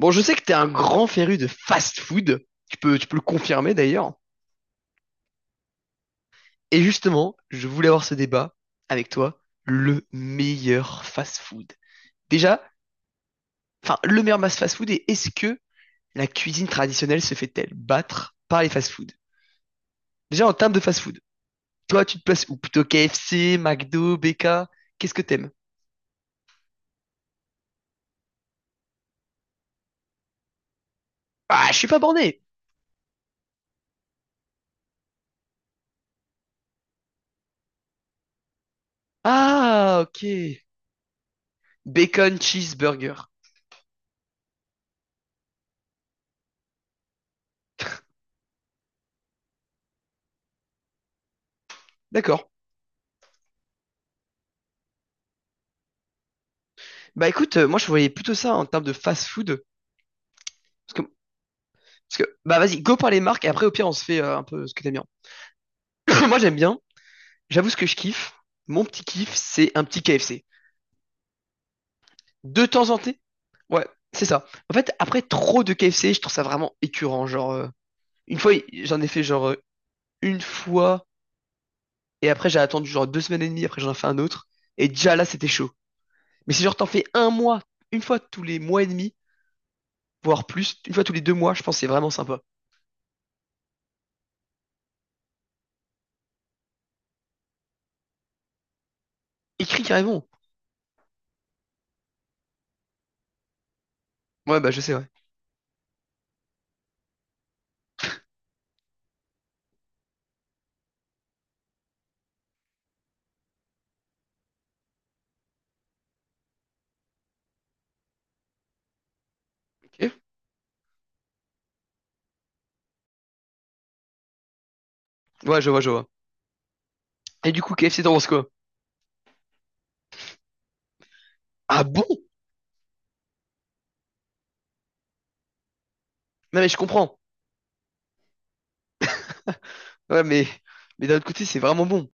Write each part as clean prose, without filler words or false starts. Bon, je sais que t'es un grand féru de fast-food. Tu peux le confirmer d'ailleurs. Et justement, je voulais avoir ce débat avec toi. Le meilleur fast-food. Déjà, enfin, le meilleur mass fast-food et est-ce que la cuisine traditionnelle se fait-elle battre par les fast-food? Déjà, en termes de fast-food, toi, tu te places où? Plutôt KFC, McDo, BK? Qu'est-ce que t'aimes? Ah, je suis pas borné. Ah, ok. Bacon cheeseburger. D'accord. Bah écoute, moi je voyais plutôt ça en termes de fast-food. Parce que, bah vas-y, go par les marques et après au pire on se fait un peu ce que t'aimes bien. Moi j'aime bien, j'avoue ce que je kiffe. Mon petit kiff, c'est un petit KFC. De temps en temps. Ouais, c'est ça. En fait, après trop de KFC, je trouve ça vraiment écœurant. Genre, une fois, j'en ai fait genre une fois et après j'ai attendu genre 2 semaines et demie, après j'en ai fait un autre. Et déjà là, c'était chaud. Mais si genre t'en fais un mois, une fois tous les mois et demi, voire plus, une fois tous les 2 mois, je pense que c'est vraiment sympa. Écrit carrément. Ouais, bah je sais, ouais. Ok. Ouais, je vois, je vois. Et du coup, KFC, t'en penses quoi? Ah bon? Non, mais je comprends. Ouais, mais d'un autre côté, c'est vraiment bon.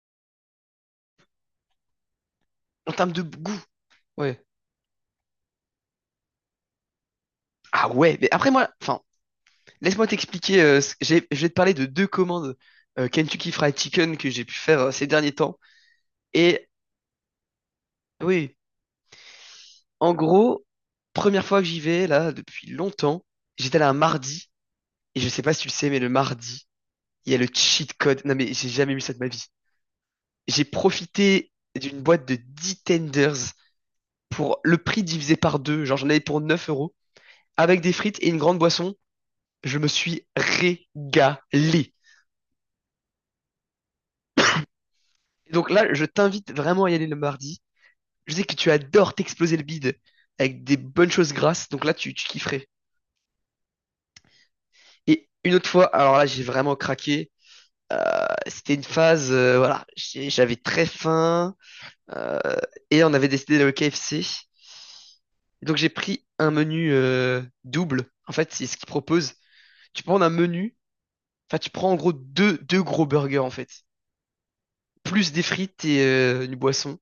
En termes de goût. Ouais. Ah ouais, mais après moi, enfin, laisse-moi t'expliquer. Je vais te parler de deux commandes Kentucky Fried Chicken que j'ai pu faire ces derniers temps. Et oui. En gros, première fois que j'y vais, là, depuis longtemps, j'étais là un mardi, et je sais pas si tu le sais, mais le mardi, il y a le cheat code. Non mais j'ai jamais vu ça de ma vie. J'ai profité d'une boîte de 10 tenders pour le prix divisé par deux. Genre j'en avais pour 9 euros, avec des frites et une grande boisson. Je me suis régalé. Et donc là, je t'invite vraiment à y aller le mardi. Je sais que tu adores t'exploser le bide avec des bonnes choses grasses, donc là, tu kifferais. Et une autre fois, alors là, j'ai vraiment craqué. C'était une phase, voilà, j'avais très faim euh, et on avait décidé d'aller au KFC. Donc j'ai pris un menu double. En fait, c'est ce qu'ils proposent. Tu prends un menu, enfin tu prends en gros deux gros burgers en fait, plus des frites et une boisson.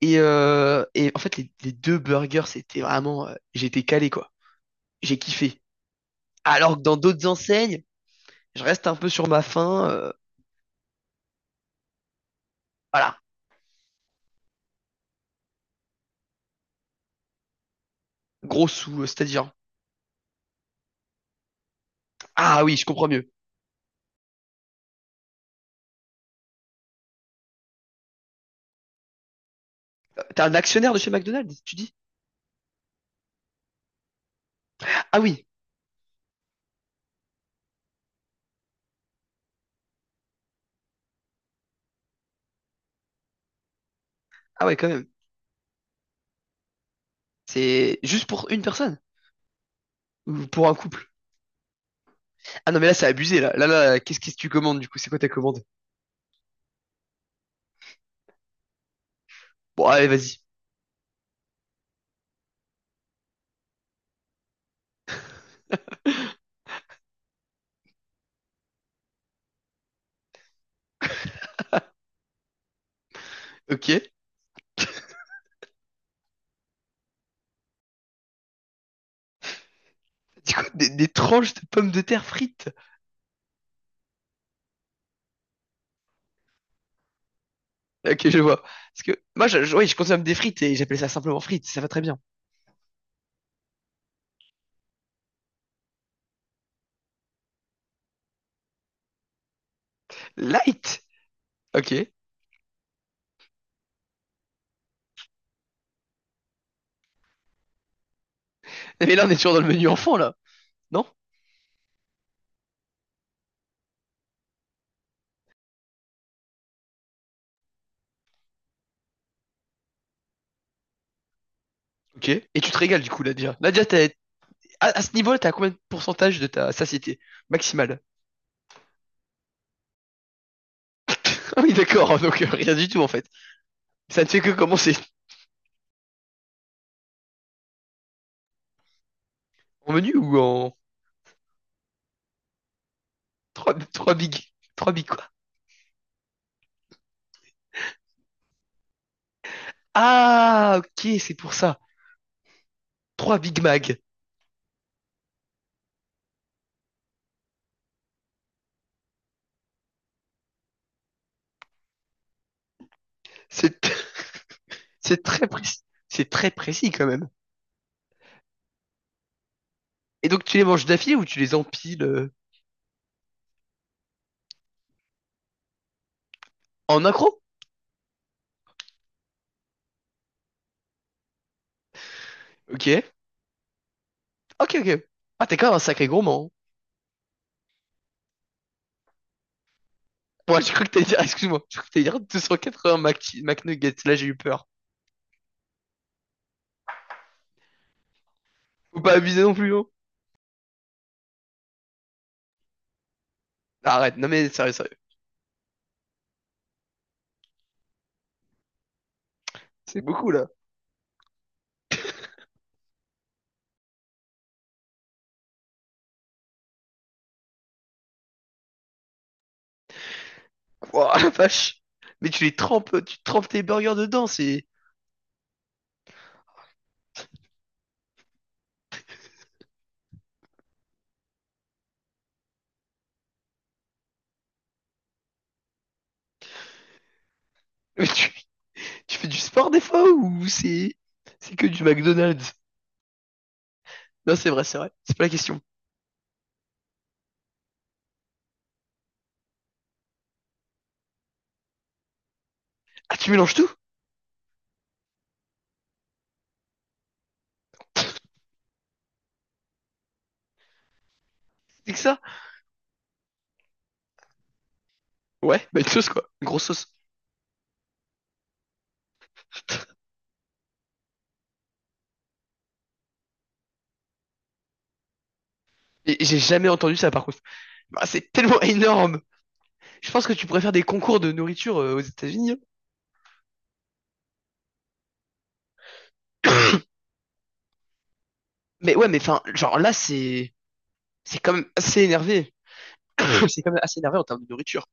Et en fait, les deux burgers, c'était vraiment. J'étais calé, quoi. J'ai kiffé. Alors que dans d'autres enseignes, je reste un peu sur ma faim. Voilà. Gros sous, c'est-à-dire. Ah oui, je comprends mieux. T'es un actionnaire de chez McDonald's, tu dis? Ah, ah oui. Ah ouais, quand même. C'est juste pour une personne. Ou pour un couple. Ah non, mais là, c'est abusé, là. Qu'est-ce que tu commandes, du coup? C'est quoi ta commande? Bon, allez, vas-y. Ok. Du coup, des tranches de pommes de terre frites. Ok, je vois. Parce que moi, oui, je consomme des frites et j'appelle ça simplement frites. Ça va très bien. Light? Ok. Mais là, on est toujours dans le menu enfant, là. Non? Ok. Et tu te régales, du coup, Nadia. Nadia, t'as- à ce niveau-là, t'as combien de pourcentage de ta satiété maximale? Ah oui, d'accord. Donc, rien du tout, en fait. Ça ne fait que commencer. En menu ou en... trois, trois big... 3 big quoi? Ah, ok, c'est pour ça. 3 Big Mac. C'est, t- c'est très précis. C'est très précis, quand même. Et donc, tu les manges d'affilée ou tu les empiles en accro? Ok. Ok, ok. Ah, t'es quand même un sacré gourmand. Moi, je crois que t'allais dire, ah, excuse-moi, je crois que t'allais dire 280 Mac, McNuggets. Là, j'ai eu peur. Faut pas abuser non plus, hein. Arrête, non mais sérieux, sérieux. C'est beaucoup là. Ouah, la vache. Mais tu les trempes, tu trempes tes burgers dedans, c'est. Mais tu fais du sport des fois ou c'est. C'est que du McDonald's? Non, c'est vrai, c'est vrai. C'est pas la question. Ah, tu mélanges tout? C'est que ça? Ouais, bah une sauce quoi. Une grosse sauce. Et j'ai jamais entendu ça par contre. Bah, c'est tellement énorme. Je pense que tu pourrais faire des concours de nourriture aux États-Unis, hein. Mais ouais, mais enfin, genre là, c'est quand même assez énervé. C'est quand même assez énervé en termes de nourriture.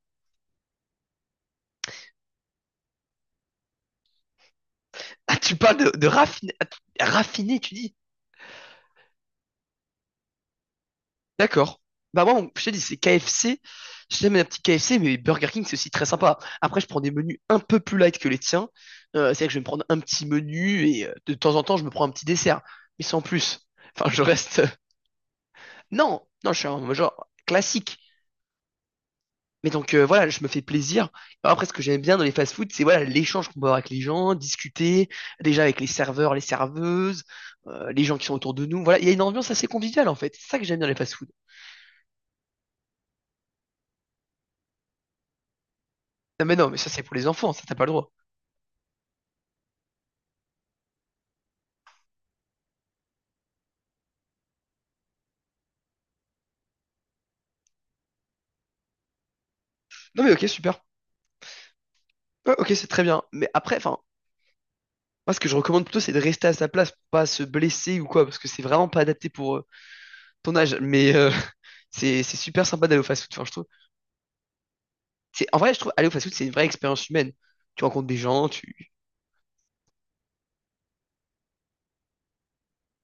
Ah, tu parles de raffiné, raffiné, tu dis. D'accord. Bah moi, je te dis, c'est K F KFC. J'aime un petit KFC mais Burger King, c'est aussi très sympa. Après, je prends des menus un peu plus light que les tiens. C'est-à-dire que je vais me prendre un petit menu et de temps en temps, je me prends un petit dessert. Mais sans plus. Enfin, je reste... Non, non, je suis un genre classique. Mais donc voilà, je me fais plaisir. Après, ce que j'aime bien dans les fast-foods, c'est voilà l'échange qu'on peut avoir avec les gens, discuter déjà avec les serveurs, les serveuses, les gens qui sont autour de nous. Voilà, il y a une ambiance assez conviviale en fait. C'est ça que j'aime bien dans les fast-foods. Non mais non, mais ça c'est pour les enfants, ça t'as pas le droit. Non mais ok, super. Ouais, ok, c'est très bien. Mais après, enfin, moi ce que je recommande plutôt, c'est de rester à sa place, pour pas se blesser ou quoi, parce que c'est vraiment pas adapté pour ton âge. Mais c'est super sympa d'aller au fast-food. Enfin, je trouve. C'est en vrai, je trouve aller au fast-food, c'est une vraie expérience humaine. Tu rencontres des gens, tu.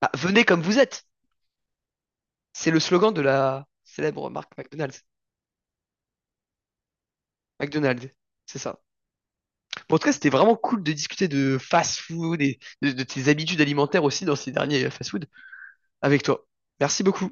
Ah, venez comme vous êtes. C'est le slogan de la célèbre marque McDonald's. McDonald's, c'est ça. Bon, en tout cas, c'était vraiment cool de discuter de fast-food et de tes habitudes alimentaires aussi dans ces derniers fast-food avec toi. Merci beaucoup.